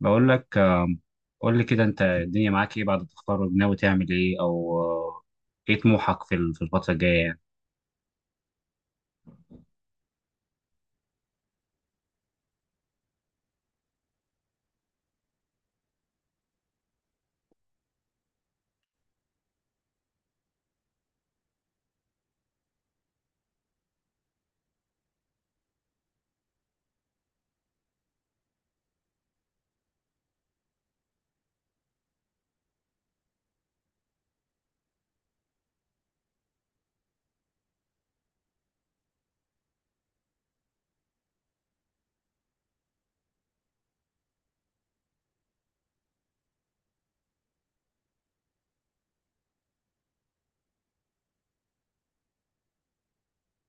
بقول لك قول لي كده انت الدنيا معاك ايه بعد التخرج؟ ناوي تعمل ايه؟ او آه، ايه طموحك في في الفترة الجاية يعني؟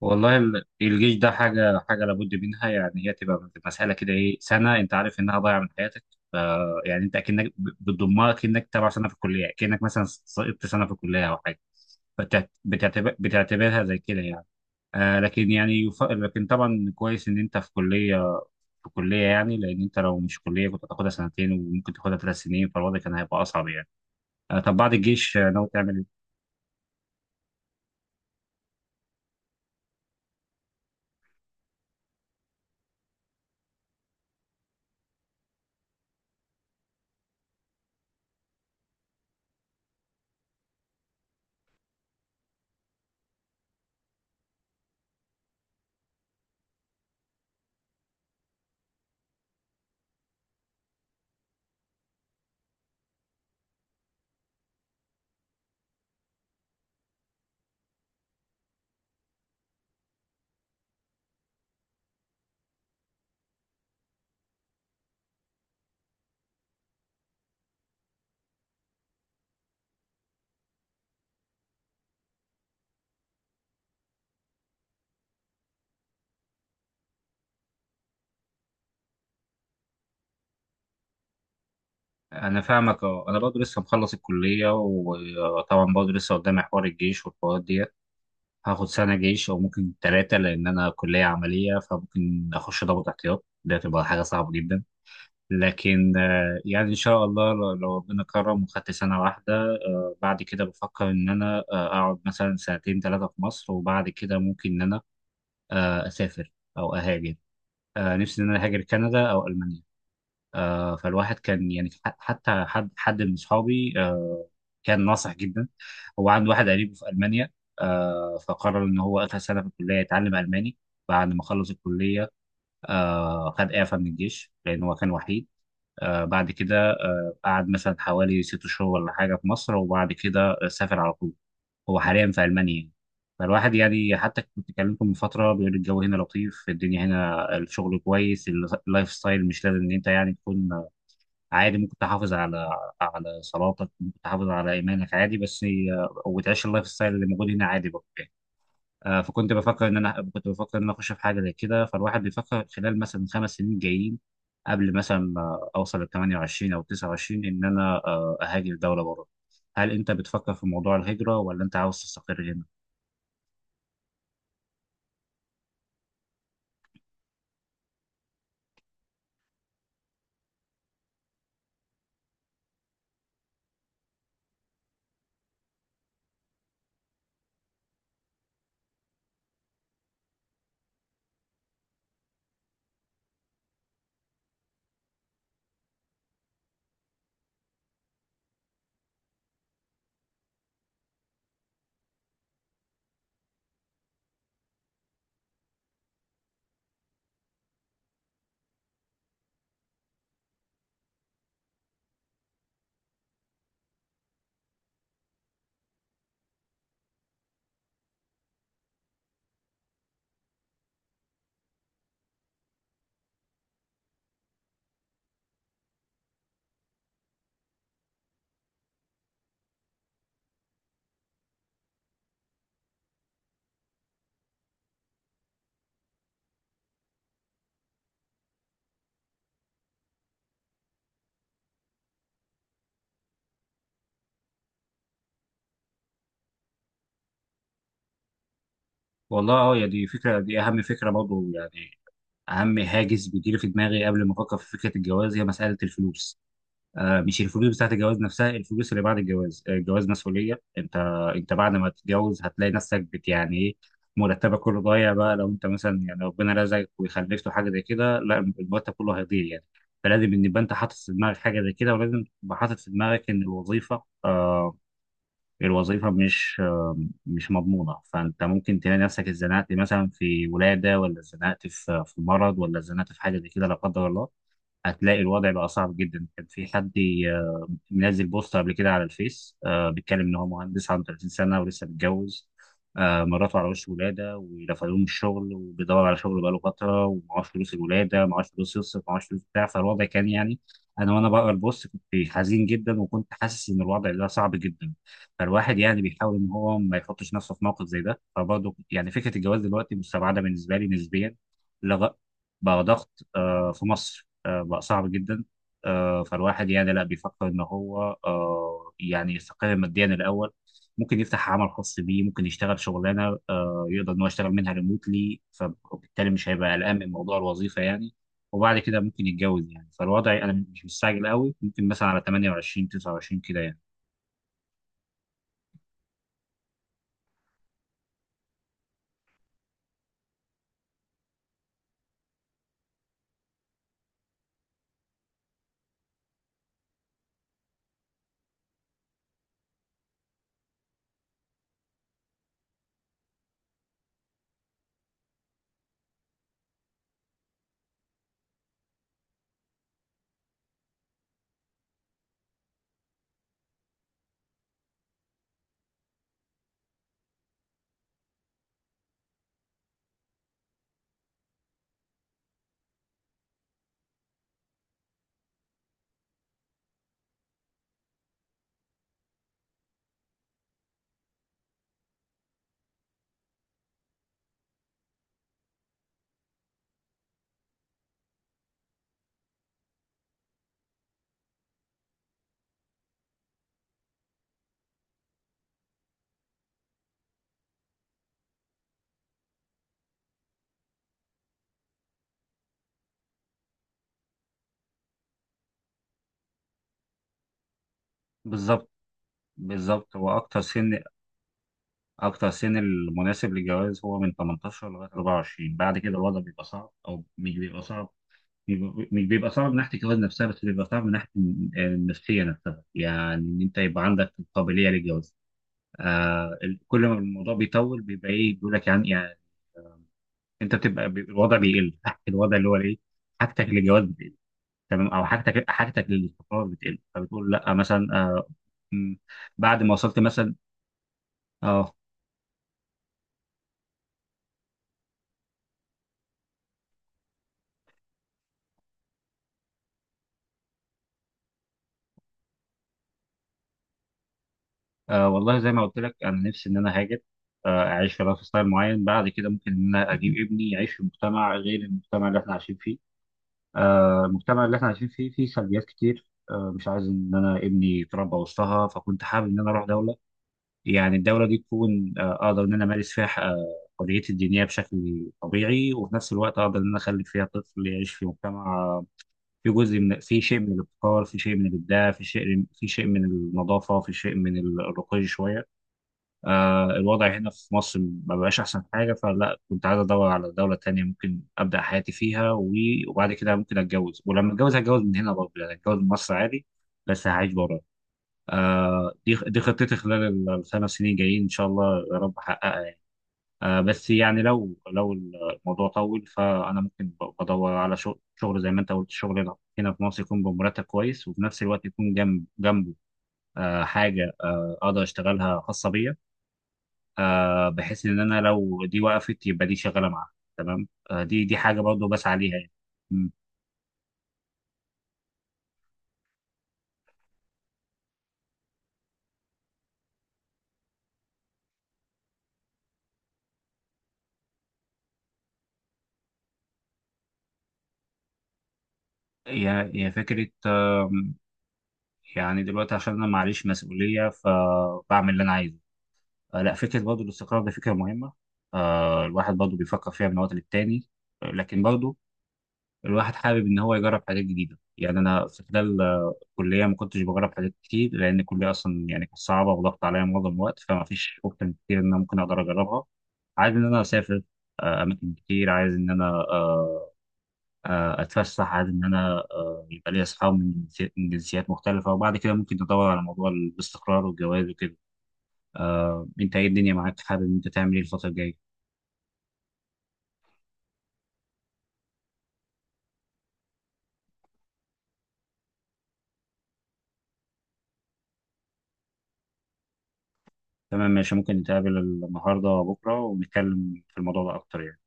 والله الجيش ده حاجة حاجة لابد منها. يعني هي تبقى مسألة كده، ايه، سنة انت عارف انها ضايعة من حياتك. ف- يعني انت اكنك بتضمها، كأنك تبع سنة في الكلية، كأنك مثلا سقطت سنة في الكلية او حاجة، فبتعتبرها زي كده يعني. لكن يعني لكن طبعا كويس ان انت في كلية، في كلية، يعني، لأن أنت لو مش كلية كنت هتاخدها سنتين وممكن تاخدها ثلاث سنين، فالوضع كان هيبقى أصعب يعني. طب بعد الجيش ناوي تعمل إيه؟ أنا فاهمك. أه، أنا برضه لسه مخلص الكلية، وطبعا برضه لسه قدامي حوار الجيش والحوارات دي. هاخد سنة جيش أو ممكن ثلاثة، لأن أنا كلية عملية، فممكن أخش ضابط احتياط، ده تبقى حاجة صعبة جدا. لكن يعني إن شاء الله لو ربنا كرم وخدت سنة واحدة، بعد كده بفكر إن أنا أقعد مثلا سنتين ثلاثة في مصر، وبعد كده ممكن إن أنا اسافر او اهاجر. نفسي ان انا اهاجر كندا او المانيا. فالواحد كان يعني حتى حد من اصحابي كان ناصح جدا. هو عنده واحد قريبه في المانيا، فقرر ان هو اخر سنه في الكليه يتعلم الماني. بعد ما خلص الكليه خد اعفاء من الجيش لان هو كان وحيد. بعد كده قعد مثلا حوالي ست شهور ولا حاجه في مصر، وبعد كده سافر على طول. هو حاليا في المانيا. فالواحد يعني حتى كنت كلمته من فتره، بيقول الجو هنا لطيف، الدنيا هنا الشغل كويس، اللايف ستايل مش لازم ان انت يعني تكون، عادي، ممكن تحافظ على على صلاتك، ممكن تحافظ على ايمانك عادي، بس وتعيش اللايف ستايل اللي موجود هنا عادي برضه يعني. فكنت بفكر ان انا، كنت بفكر ان انا اخش في حاجه زي كده، فالواحد بيفكر خلال مثلا خمس سنين جايين، قبل مثلا اوصل ل 28 او 29، ان انا اهاجر دوله بره. هل انت بتفكر في موضوع الهجره، ولا انت عاوز تستقر هنا؟ والله اه، يا دي، فكرة دي أهم فكرة برضه يعني. أهم هاجس بيجيلي في دماغي قبل ما أفكر في فكرة الجواز هي مسألة الفلوس. آه، مش الفلوس بتاعت الجواز نفسها، الفلوس اللي بعد الجواز. الجواز مسؤولية. أنت أنت بعد ما تتجوز هتلاقي نفسك بت، يعني إيه، مرتبك كله ضايع. بقى لو أنت مثلا يعني ربنا رزقك وخلفت حاجة زي كده لا، المرتب كله هيضيع يعني. فلازم إن يبقى أنت حاطط في دماغك حاجة زي كده، ولازم تبقى حاطط في دماغك إن الوظيفة الوظيفة مش مش مضمونة. فأنت ممكن تلاقي نفسك اتزنقت مثلا في ولادة، ولا اتزنقت في في مرض، ولا اتزنقت في حاجة زي كده لا قدر الله، هتلاقي الوضع بقى صعب جدا. كان في حد منزل بوست قبل كده على الفيس، آه، بيتكلم ان هو مهندس عنده 30 سنه ولسه متجوز، آه، مراته على وش ولاده، ورفضوه من الشغل، وبيدور على شغل بقاله فتره، ومعهوش فلوس الولاده، معهوش فلوس يصرف، معهوش فلوس بتاع، فالوضع كان يعني، انا وانا بقرا البوست كنت حزين جدا، وكنت حاسس ان الوضع ده صعب جدا. فالواحد يعني بيحاول ان هو ما يحطش نفسه في موقف زي ده، فبرضه يعني فكره الجواز دلوقتي مستبعده بالنسبه لي نسبيا. لغ- بقى ضغط، في مصر بقى صعب جدا. فالواحد يعني لا، بيفكر ان هو يعني يستقر ماديا الاول، ممكن يفتح عمل خاص بيه، ممكن يشتغل شغلانه يقدر ان هو يشتغل منها ريموتلي، فبالتالي مش هيبقى قلقان من موضوع الوظيفه يعني. وبعد كده ممكن يتجوز يعني. فالوضع انا مش مستعجل قوي، ممكن مثلا على 28 29 كده يعني. بالظبط. بالظبط هو اكتر سن، اكتر سن المناسب للجواز هو من 18 لغايه 24. بعد كده الوضع بيبقى صعب، او مش بيبقى صعب، مش بيبقى صعب من ناحيه الجواز نفسها، بس بيبقى صعب من ناحيه النفسيه نفسها يعني، ان انت يبقى عندك القابليه للجواز. آه كل ما الموضوع بيطول بيبقى ايه بيقول لك يعني، انت بتبقى الوضع بيقل الوضع اللي هو ايه، حاجتك للجواز بتقل، تمام، او حاجتك حاجتك للاستقرار بتقل، فبتقول لا مثلا. آه م، بعد ما وصلت مثلا، اه, والله زي ما قلت لك، انا نفسي ان انا هاجر، اعيش في لايف ستايل معين، بعد كده ممكن ان انا اجيب ابني يعيش في مجتمع غير المجتمع اللي احنا عايشين فيه. المجتمع اللي احنا عايشين فيه، فيه سلبيات كتير، مش عايز ان انا ابني يتربى وسطها، فكنت حابب ان انا اروح دوله، يعني الدوله دي تكون اقدر ان انا امارس فيها حريتي الدينيه بشكل طبيعي، وفي نفس الوقت اقدر ان انا اخلي فيها طفل يعيش في مجتمع، في جزء من، في شيء من الابتكار، في شيء من الابداع، في شيء، في شيء من النظافه، في شيء من الرقي شويه. الوضع هنا في مصر ما بقاش أحسن حاجة، فلا كنت عايز أدور على دولة تانية ممكن أبدأ حياتي فيها، وبعد كده ممكن أتجوز، ولما أتجوز هتجوز من هنا برضه يعني، أتجوز من مصر عادي بس هعيش بره. دي خطتي خلال الخمس سنين جايين، إن شاء الله يا رب أحققها يعني. بس يعني لو الموضوع طول، فأنا ممكن بدور على شغل، شغل زي ما أنت قلت، شغل هنا في مصر يكون بمرتب كويس، وفي نفس الوقت يكون جنب جنبه حاجة أقدر أشتغلها خاصة بيا، آه، بحيث ان انا لو دي وقفت يبقى دي شغاله معاها تمام. آه، دي حاجه برضه بس عليها يعني. مم. هي فكره. يعني دلوقتي عشان انا معليش مسؤوليه فبعمل اللي انا عايزه. آه، لا، فكره برضه الاستقرار ده فكره مهمه، آه، الواحد برضه بيفكر فيها من وقت للتاني. لكن برضه الواحد حابب ان هو يجرب حاجات جديده يعني. انا في خلال الكليه ما كنتش بجرب حاجات كتير، لان الكليه اصلا يعني كانت صعبه وضغط عليا معظم الوقت، فما فيش اوبشن كتير ان انا ممكن اقدر اجربها. عايز ان انا اسافر اماكن كتير، عايز ان انا آه، اتفسح، عايز ان انا يبقى لي اصحاب من من جنسيات مختلفه، وبعد كده ممكن ندور على موضوع الاستقرار والجواز وكده. انت ايه الدنيا معاك؟ حابب ان انت تعمل ايه الفتره الجايه؟ تمام، ماشي. ممكن نتقابل النهارده وبكره ونتكلم في الموضوع ده اكتر يعني.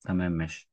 تمام ماشي.